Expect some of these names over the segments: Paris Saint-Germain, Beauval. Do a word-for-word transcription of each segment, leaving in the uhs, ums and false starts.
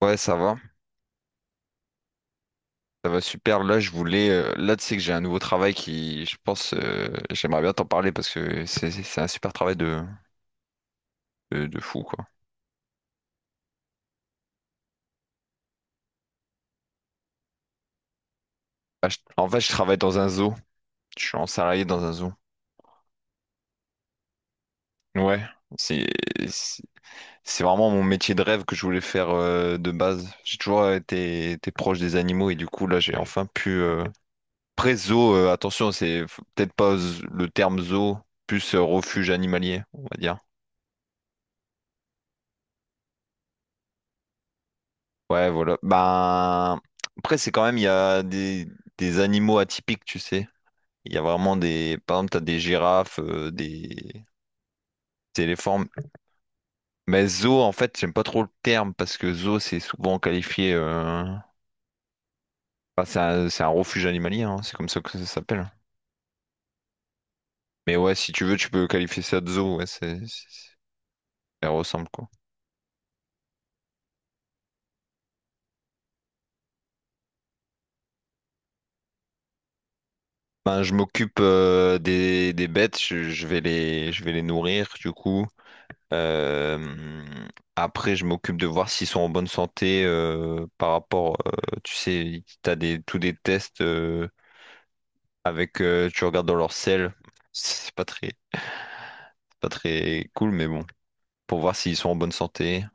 Ouais, ça va, ça va super. Là, je voulais, euh, là, tu sais que j'ai un nouveau travail qui, je pense, euh, j'aimerais bien t'en parler parce que c'est c'est- c'est un super travail de, de, de fou, quoi. Ah, je- En fait, je travaille dans un zoo. Je suis en salarié dans un zoo. Ouais, c'est c'est c'est vraiment mon métier de rêve que je voulais faire euh, de base. J'ai toujours été, été proche des animaux et du coup, là, j'ai enfin pu. Euh... Après, zoo, euh, attention, c'est f- peut-être pas z- le terme zoo, plus euh, refuge animalier, on va dire. Ouais, voilà. Ben, après, c'est quand même, il y a des, des animaux atypiques, tu sais. Il y a vraiment des. Par exemple, t'as des girafes, euh, des... des éléphants. Mais zoo, en fait, j'aime pas trop le terme parce que zoo, c'est souvent qualifié. euh, enfin, c'est un, c'est un refuge animalier, hein, c'est comme ça que ça s'appelle. Mais ouais, si tu veux, tu peux qualifier ça de zoo, ouais, c'est, c'est- ça ressemble, quoi. Ben, je m'occupe euh, des, des bêtes, je, je vais les, je vais les nourrir, du coup. Euh, après, je m'occupe de voir s'ils sont en bonne santé euh, par rapport, euh, tu sais, t'as des tous des tests euh, avec, euh, tu regardes dans leur selle, c'est pas très, c'est pas très cool, mais bon, pour voir s'ils sont en bonne santé.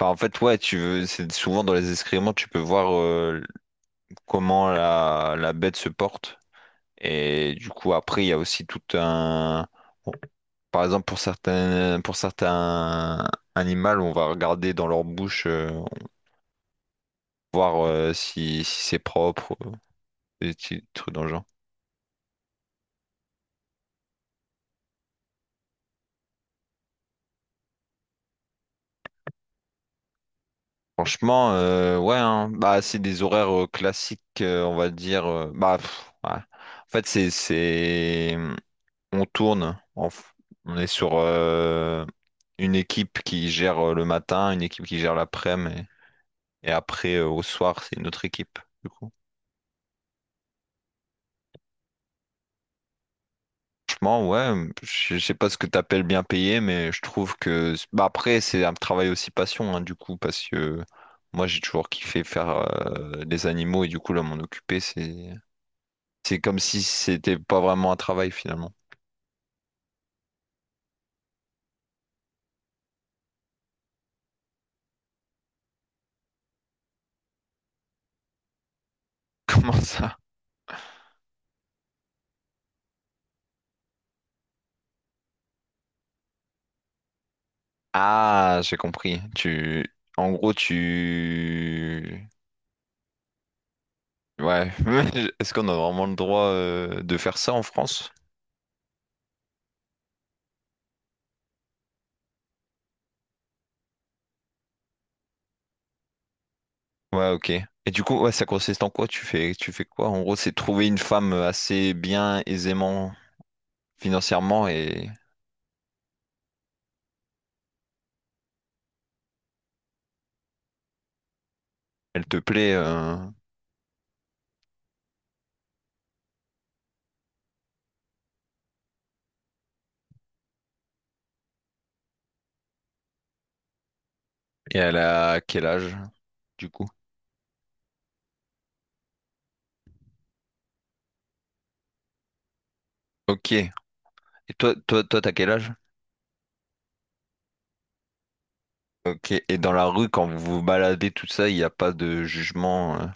Enfin, en fait, ouais, tu veux, c'est souvent dans les excréments, tu peux voir euh, comment la, la bête se porte. Et du coup, après, il y a aussi tout un, Par exemple, pour certains, pour certains animaux, on va regarder dans leur bouche, euh, voir euh, si, si c'est propre, euh, des petits trucs dans le genre. Franchement, euh, ouais, hein. Bah, c'est des horaires euh, classiques, euh, on va dire. euh, bah, pff, ouais. En fait, c'est, c'est... On tourne, en f- on est sur euh, une équipe qui gère euh, le matin, une équipe qui gère l'après-midi, et et après, euh, au soir, c'est une autre équipe. Du coup. Franchement, ouais, je je sais pas ce que t'appelles bien payé, mais je trouve que bah après c'est un travail aussi passion hein, du coup parce que moi j'ai toujours kiffé faire euh, des animaux et du coup là m'en occuper c'est c'est comme si c'était pas vraiment un travail finalement. Comment ça? Ah, j'ai compris. Tu en gros tu ouais. Est-ce qu'on a vraiment le droit euh, de faire ça en France? Ouais, ok. Et du coup, ouais, ça consiste en quoi? Tu fais, tu fais quoi? En gros, c'est trouver une femme assez bien, aisément financièrement et elle te plaît euh, et elle a quel âge du coup? Ok. Et toi, toi, toi, t'as quel âge? Ok. Et dans la rue, quand vous vous baladez, tout ça, il n'y a pas de jugement. euh,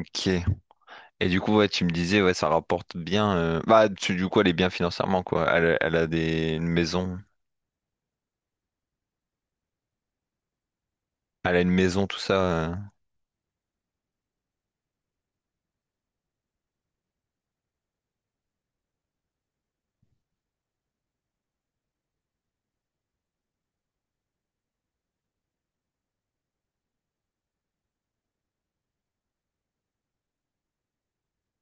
Ok. Et du coup, ouais, tu me disais, ouais, ça rapporte bien. euh, Bah, tu- du coup, elle est bien financièrement, quoi. Elle, elle a des une maison. Elle a une maison, tout ça. euh.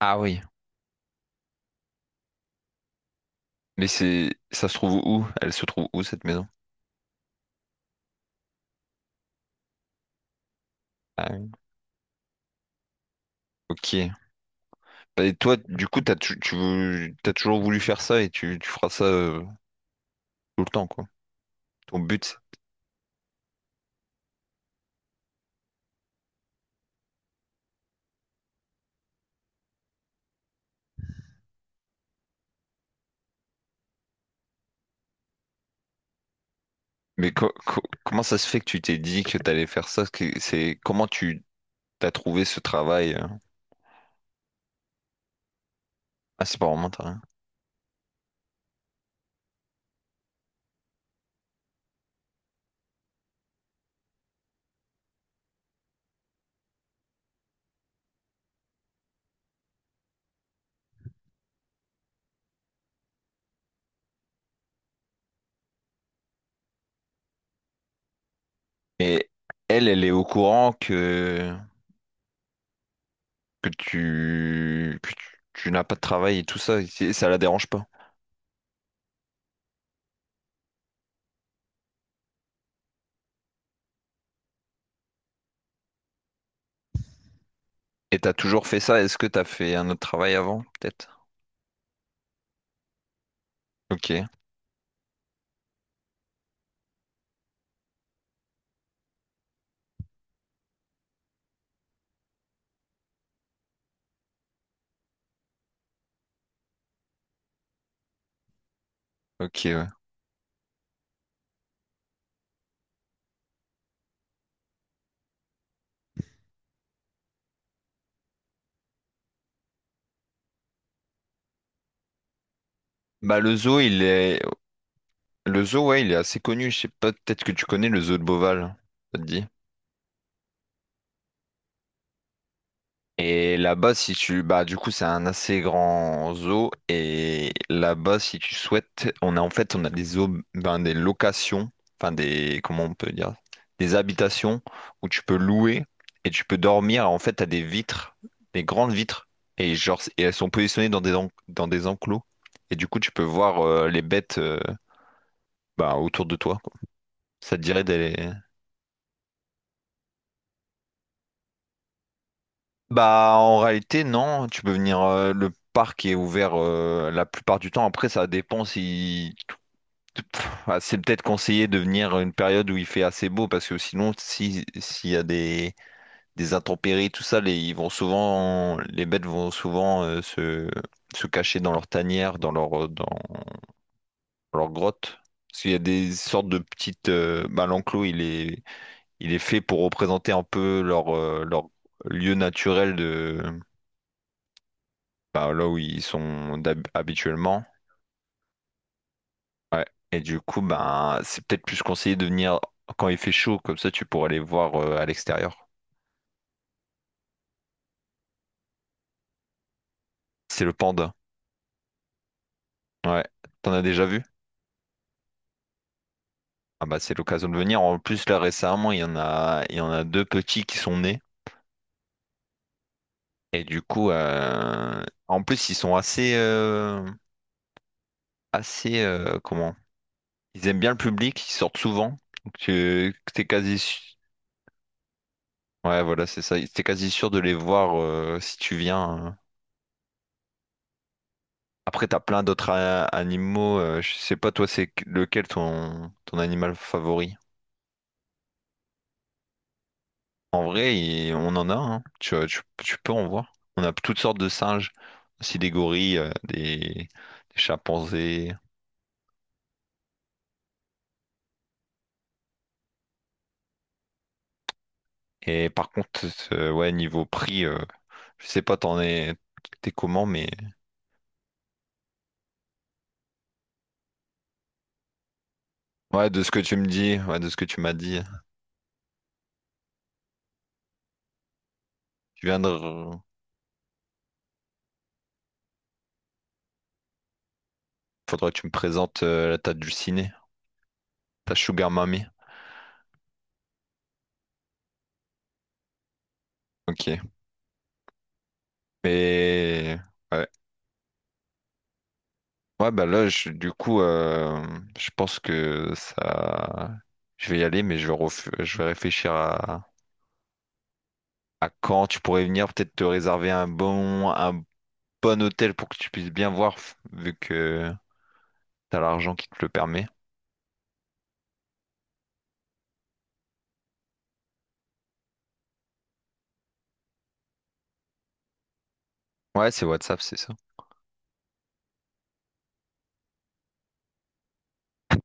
Ah oui. Mais c'est, ça se trouve où? Elle se trouve où cette maison? Ah oui. Ok. Bah, et toi, du coup, t'as, tu, tu, veux- t'as toujours voulu faire ça et tu, tu feras ça euh, tout le temps, quoi. Ton but. Mais co- co- comment ça se fait que tu t'es dit que t'allais faire ça? Que- C'est comment tu t'as trouvé ce travail? euh Ah, c'est pas vraiment t'as rien. Et elle, elle est au courant que que tu que tu, tu n'as pas de travail et tout ça. Et ça la dérange pas. Et t'as toujours fait ça? Est-ce que t'as fait un autre travail avant, peut-être? Ok, ok, ouais. Bah le zoo, il est le zoo, ouais, il est assez connu. Je sais pas, peut-être que tu connais le zoo de Beauval. Ça te dit? Et là-bas, si tu... Bah, du coup, c'est un assez grand zoo. Et là-bas, si tu souhaites, on a en fait, on a des zoos, ben, des locations, enfin des... Comment on peut dire? Des habitations où tu peux louer et tu peux dormir. En fait, t'as des vitres, des grandes vitres. Et genre, et elles sont positionnées dans des, en- dans des enclos. Et du coup, tu peux voir euh, les bêtes euh, bah, autour de toi, quoi. Ça te dirait d'aller... Bah, en réalité, non. Tu peux venir. Euh, le parc est ouvert euh, la plupart du temps. Après, ça dépend si. Pff, ah, c'est peut-être conseillé de venir une période où il fait assez beau parce que sinon, si, s'il y a des, des intempéries, tout ça, les, ils vont souvent, les bêtes vont souvent euh, se, se cacher dans leur tanière, dans leur, euh, dans, leur grotte. Parce qu'il y a des sortes de petites. Euh, bah, l'enclos, il est, il est fait pour représenter un peu leur, euh, leur lieu naturel bah, là où ils sont d'hab- habituellement. Ouais. Et du coup, ben c'est peut-être plus conseillé de venir quand il fait chaud, comme ça tu pourras les voir euh, à l'extérieur. C'est le panda. Ouais. T'en as déjà vu? Ah bah c'est l'occasion de venir. En plus, là récemment, il y en a, il y en a deux petits qui sont nés. Et du coup, euh, en plus, ils sont assez, euh, assez, euh, comment? Ils aiment bien le public, ils sortent souvent. Donc tu, t'es quasi, su- ouais, voilà, c'est ça. T'es quasi sûr de les voir euh, si tu viens, hein. Après, t'as plein d'autres a- animaux. Euh, je sais pas, toi, c'est lequel ton, ton animal favori? En vrai, il- on en a, hein. Tu, tu- tu peux en voir. On a toutes sortes de singes, aussi des gorilles, euh, des, des chimpanzés. Et par contre, euh, ouais, niveau prix, euh, je sais pas, t'en es, t'es comment, mais ouais, de ce que tu me dis, ouais, de ce que tu m'as dit, tu viens de, re- faudrait que tu me présentes euh, la tête du ciné, ta Sugar Mummy. Ok, mais ouais. Ouais, bah là, je- du coup, euh, je pense que ça. Je vais y aller, mais je vais, ref- je vais réfléchir à... à quand tu pourrais venir, peut-être te réserver un bon... un bon hôtel pour que tu puisses bien voir, vu que t'as l'argent qui te le permet. Ouais, c'est WhatsApp, c'est ça.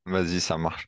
Vas-y, ça marche.